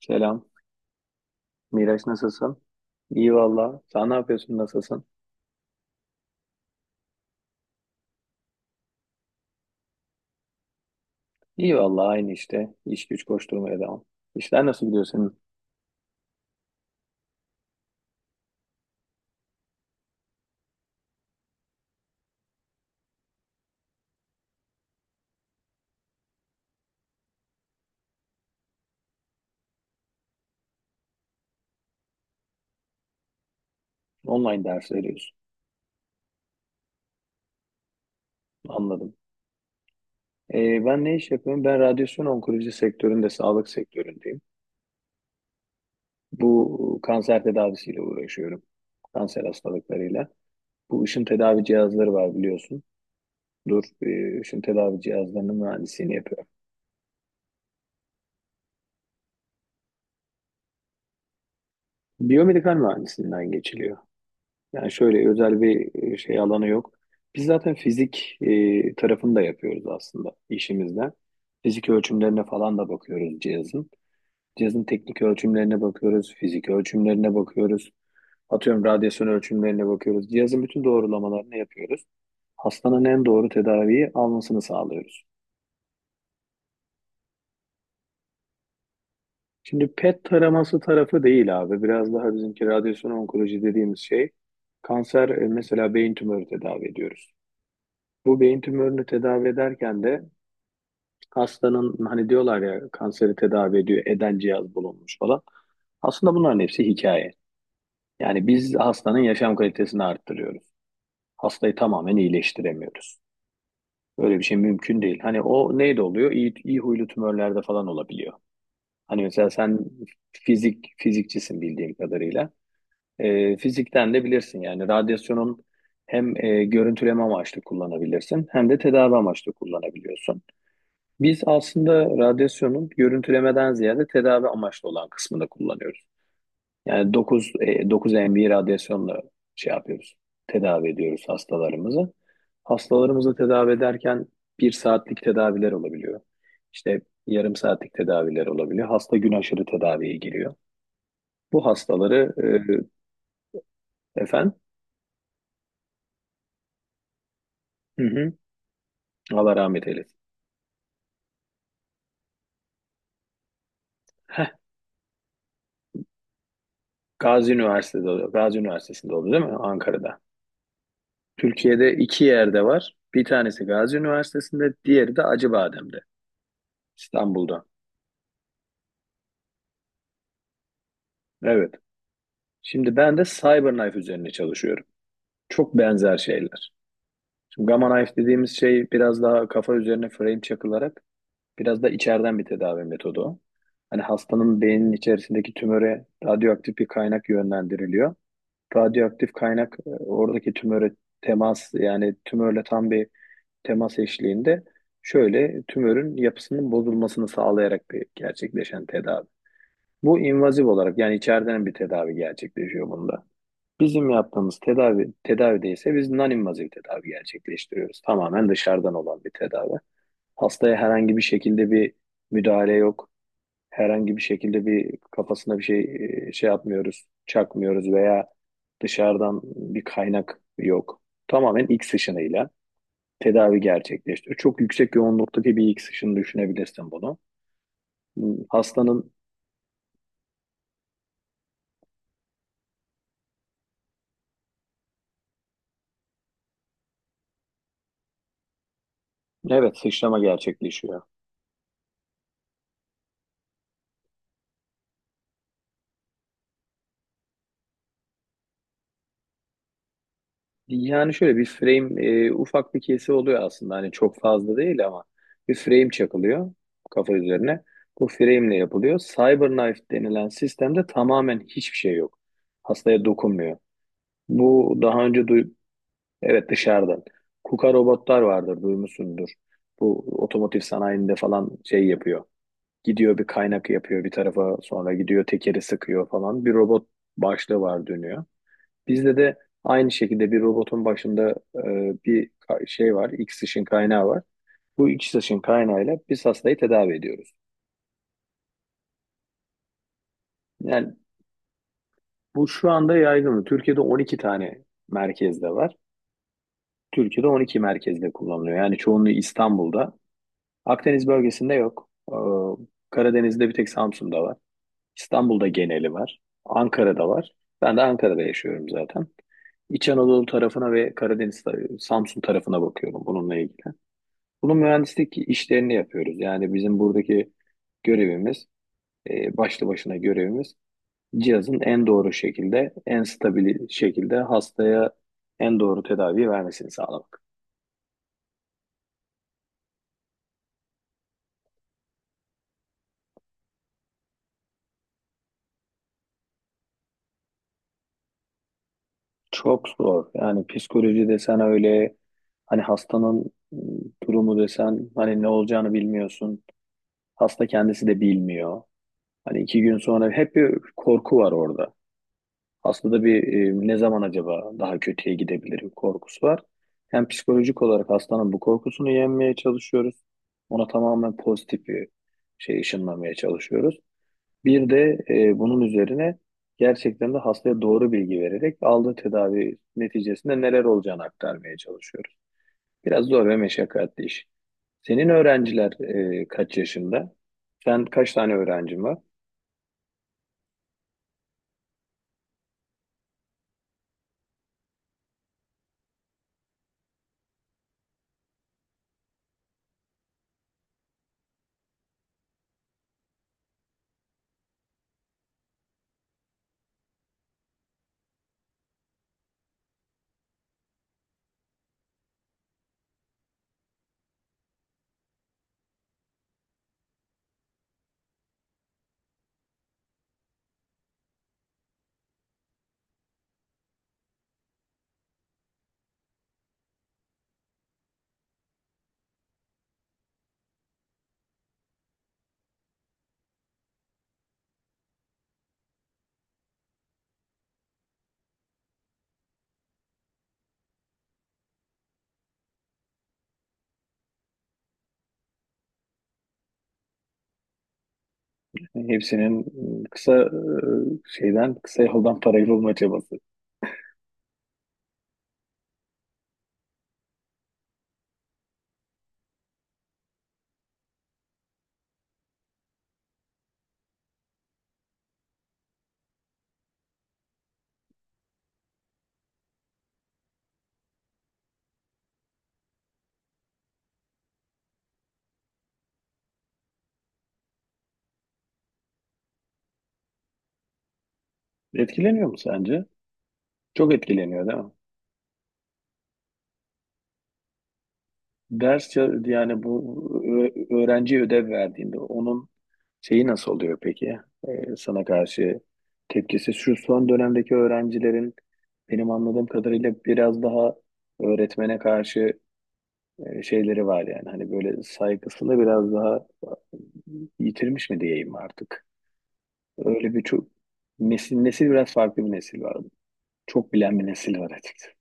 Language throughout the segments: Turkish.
Selam. Miraç nasılsın? İyi valla. Sen ne yapıyorsun? Nasılsın? İyi valla aynı işte. İş güç koşturmaya devam. İşler nasıl gidiyor senin? Online ders veriyorsun. Anladım. Ben ne iş yapıyorum? Ben radyasyon onkoloji sektöründe, sağlık sektöründeyim. Bu kanser tedavisiyle uğraşıyorum. Kanser hastalıklarıyla. Bu ışın tedavi cihazları var biliyorsun. Dur, ışın tedavi cihazlarının mühendisliğini yapıyorum. Biyomedikal mühendisliğinden geçiliyor. Yani şöyle özel bir şey alanı yok. Biz zaten fizik tarafını da yapıyoruz aslında işimizde. Fizik ölçümlerine falan da bakıyoruz cihazın. Cihazın teknik ölçümlerine bakıyoruz, fizik ölçümlerine bakıyoruz. Atıyorum radyasyon ölçümlerine bakıyoruz. Cihazın bütün doğrulamalarını yapıyoruz. Hastanın en doğru tedaviyi almasını sağlıyoruz. Şimdi PET taraması tarafı değil abi. Biraz daha bizimki radyasyon onkoloji dediğimiz şey. Kanser mesela beyin tümörü tedavi ediyoruz. Bu beyin tümörünü tedavi ederken de hastanın hani diyorlar ya kanseri tedavi ediyor eden cihaz bulunmuş falan. Aslında bunların hepsi hikaye. Yani biz hastanın yaşam kalitesini arttırıyoruz. Hastayı tamamen iyileştiremiyoruz. Böyle bir şey mümkün değil. Hani o neyde oluyor? İyi, iyi huylu tümörlerde falan olabiliyor. Hani mesela sen fizikçisin bildiğim kadarıyla. Fizikten de bilirsin yani radyasyonun hem görüntüleme amaçlı kullanabilirsin hem de tedavi amaçlı kullanabiliyorsun. Biz aslında radyasyonun görüntülemeden ziyade tedavi amaçlı olan kısmını kullanıyoruz. Yani 9 MV radyasyonla şey yapıyoruz. Tedavi ediyoruz hastalarımızı. Hastalarımızı tedavi ederken bir saatlik tedaviler olabiliyor. İşte yarım saatlik tedaviler olabiliyor. Hasta gün aşırı tedaviye giriyor. Bu hastaları efendim. Hı hı. Allah rahmet eylesin. Heh. Gazi Üniversitesi'nde oldu değil mi? Ankara'da. Türkiye'de iki yerde var. Bir tanesi Gazi Üniversitesi'nde, diğeri de Acıbadem'de, İstanbul'da. Evet. Şimdi ben de Cyberknife üzerine çalışıyorum. Çok benzer şeyler. Şimdi Gamma Knife dediğimiz şey biraz daha kafa üzerine frame çakılarak biraz da içeriden bir tedavi metodu Hani hastanın beyninin içerisindeki tümöre radyoaktif bir kaynak yönlendiriliyor. Radyoaktif kaynak oradaki tümöre yani tümörle tam bir temas eşliğinde şöyle tümörün yapısının bozulmasını sağlayarak bir gerçekleşen tedavi. Bu invaziv olarak yani içeriden bir tedavi gerçekleşiyor bunda. Bizim yaptığımız tedavide ise biz non-invazif tedavi gerçekleştiriyoruz. Tamamen dışarıdan olan bir tedavi. Hastaya herhangi bir şekilde bir müdahale yok. Herhangi bir şekilde bir kafasına bir şey şey yapmıyoruz, çakmıyoruz veya dışarıdan bir kaynak yok. Tamamen iç sıçrayla tedavi gerçekleştiriyor. Çok yüksek yoğunluktaki bir ilk sıçını düşünebilirsin bunu. Hastanın evet, sıçrama gerçekleşiyor. Yani şöyle bir frame ufak bir kesi oluyor aslında. Hani çok fazla değil ama bir frame çakılıyor kafa üzerine. Bu frame ile yapılıyor. Cyberknife denilen sistemde tamamen hiçbir şey yok. Hastaya dokunmuyor. Bu daha önce duy Evet, dışarıdan. KUKA robotlar vardır duymuşsundur. Bu otomotiv sanayinde falan şey yapıyor. Gidiyor bir kaynak yapıyor bir tarafa, sonra gidiyor tekeri sıkıyor falan. Bir robot başlığı var, dönüyor. Bizde de aynı şekilde bir robotun başında şey var. X ışın kaynağı var. Bu X ışın kaynağıyla biz hastayı tedavi ediyoruz. Yani bu şu anda yaygın. Türkiye'de 12 tane merkezde var. Türkiye'de 12 merkezde kullanılıyor. Yani çoğunluğu İstanbul'da. Akdeniz bölgesinde yok. Karadeniz'de bir tek Samsun'da var. İstanbul'da geneli var. Ankara'da var. Ben de Ankara'da yaşıyorum zaten. İç Anadolu tarafına ve Samsun tarafına bakıyorum bununla ilgili. Bunun mühendislik işlerini yapıyoruz. Yani bizim buradaki görevimiz, başlı başına görevimiz cihazın en doğru şekilde, en stabil şekilde hastaya en doğru tedavi vermesini sağlamak. Çok zor. Yani psikoloji desen öyle, hani hastanın durumu desen, hani ne olacağını bilmiyorsun. Hasta kendisi de bilmiyor. Hani iki gün sonra hep bir korku var orada. Hastada bir ne zaman acaba daha kötüye gidebilirim korkusu var. Hem psikolojik olarak hastanın bu korkusunu yenmeye çalışıyoruz. Ona tamamen pozitif bir şey ışınlamaya çalışıyoruz. Bir de bunun üzerine gerçekten de hastaya doğru bilgi vererek aldığı tedavi neticesinde neler olacağını aktarmaya çalışıyoruz. Biraz zor ve meşakkatli iş. Senin öğrenciler kaç yaşında? Sen kaç tane öğrencin var? Hepsinin ıı, kısa e, kısa yoldan parayı bulma çabası. Etkileniyor mu sence? Çok etkileniyor değil mi? Yani bu öğrenciye ödev verdiğinde onun şeyi nasıl oluyor peki? E, sana karşı tepkisi şu son dönemdeki öğrencilerin benim anladığım kadarıyla biraz daha öğretmene karşı şeyleri var yani. Hani böyle saygısını biraz daha yitirmiş mi diyeyim artık? Öyle bir çok nesil biraz farklı bir nesil vardı. Çok bilen bir nesil var açıkçası.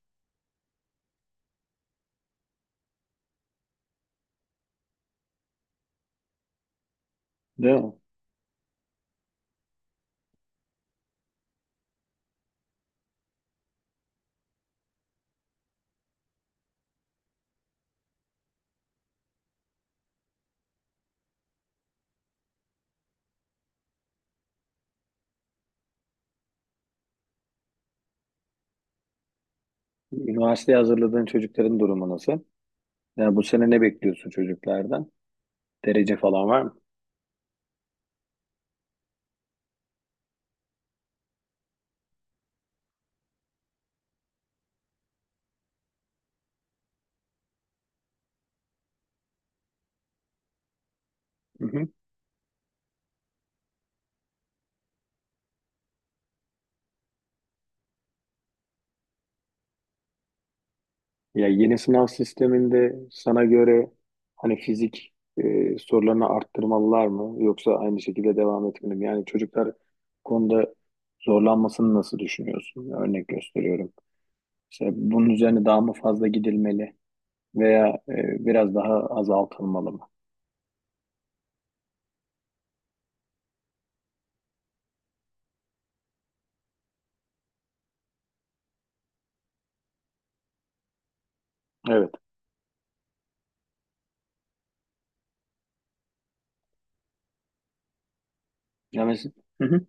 Değil mi? Üniversiteye hazırladığın çocukların durumu nasıl? Yani bu sene ne bekliyorsun çocuklardan? Derece falan var mı? Hı. Ya yeni sınav sisteminde sana göre hani fizik sorularını arttırmalılar mı yoksa aynı şekilde devam etmeli mi? Yani çocuklar bu konuda zorlanmasını nasıl düşünüyorsun? Örnek gösteriyorum. İşte bunun üzerine daha mı fazla gidilmeli veya biraz daha azaltılmalı mı? Evet. Ya mes- Hı hı.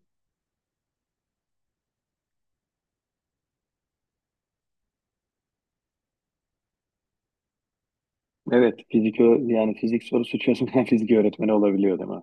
Evet, yani fizik sorusu çözümleyen fizik öğretmeni olabiliyor değil mi?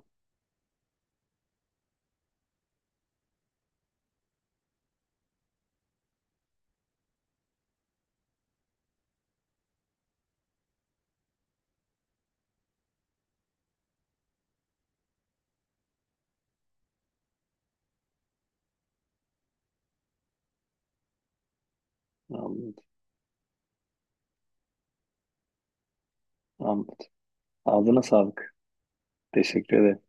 Anladım. Anladım. Ağzına sağlık. Teşekkür ederim.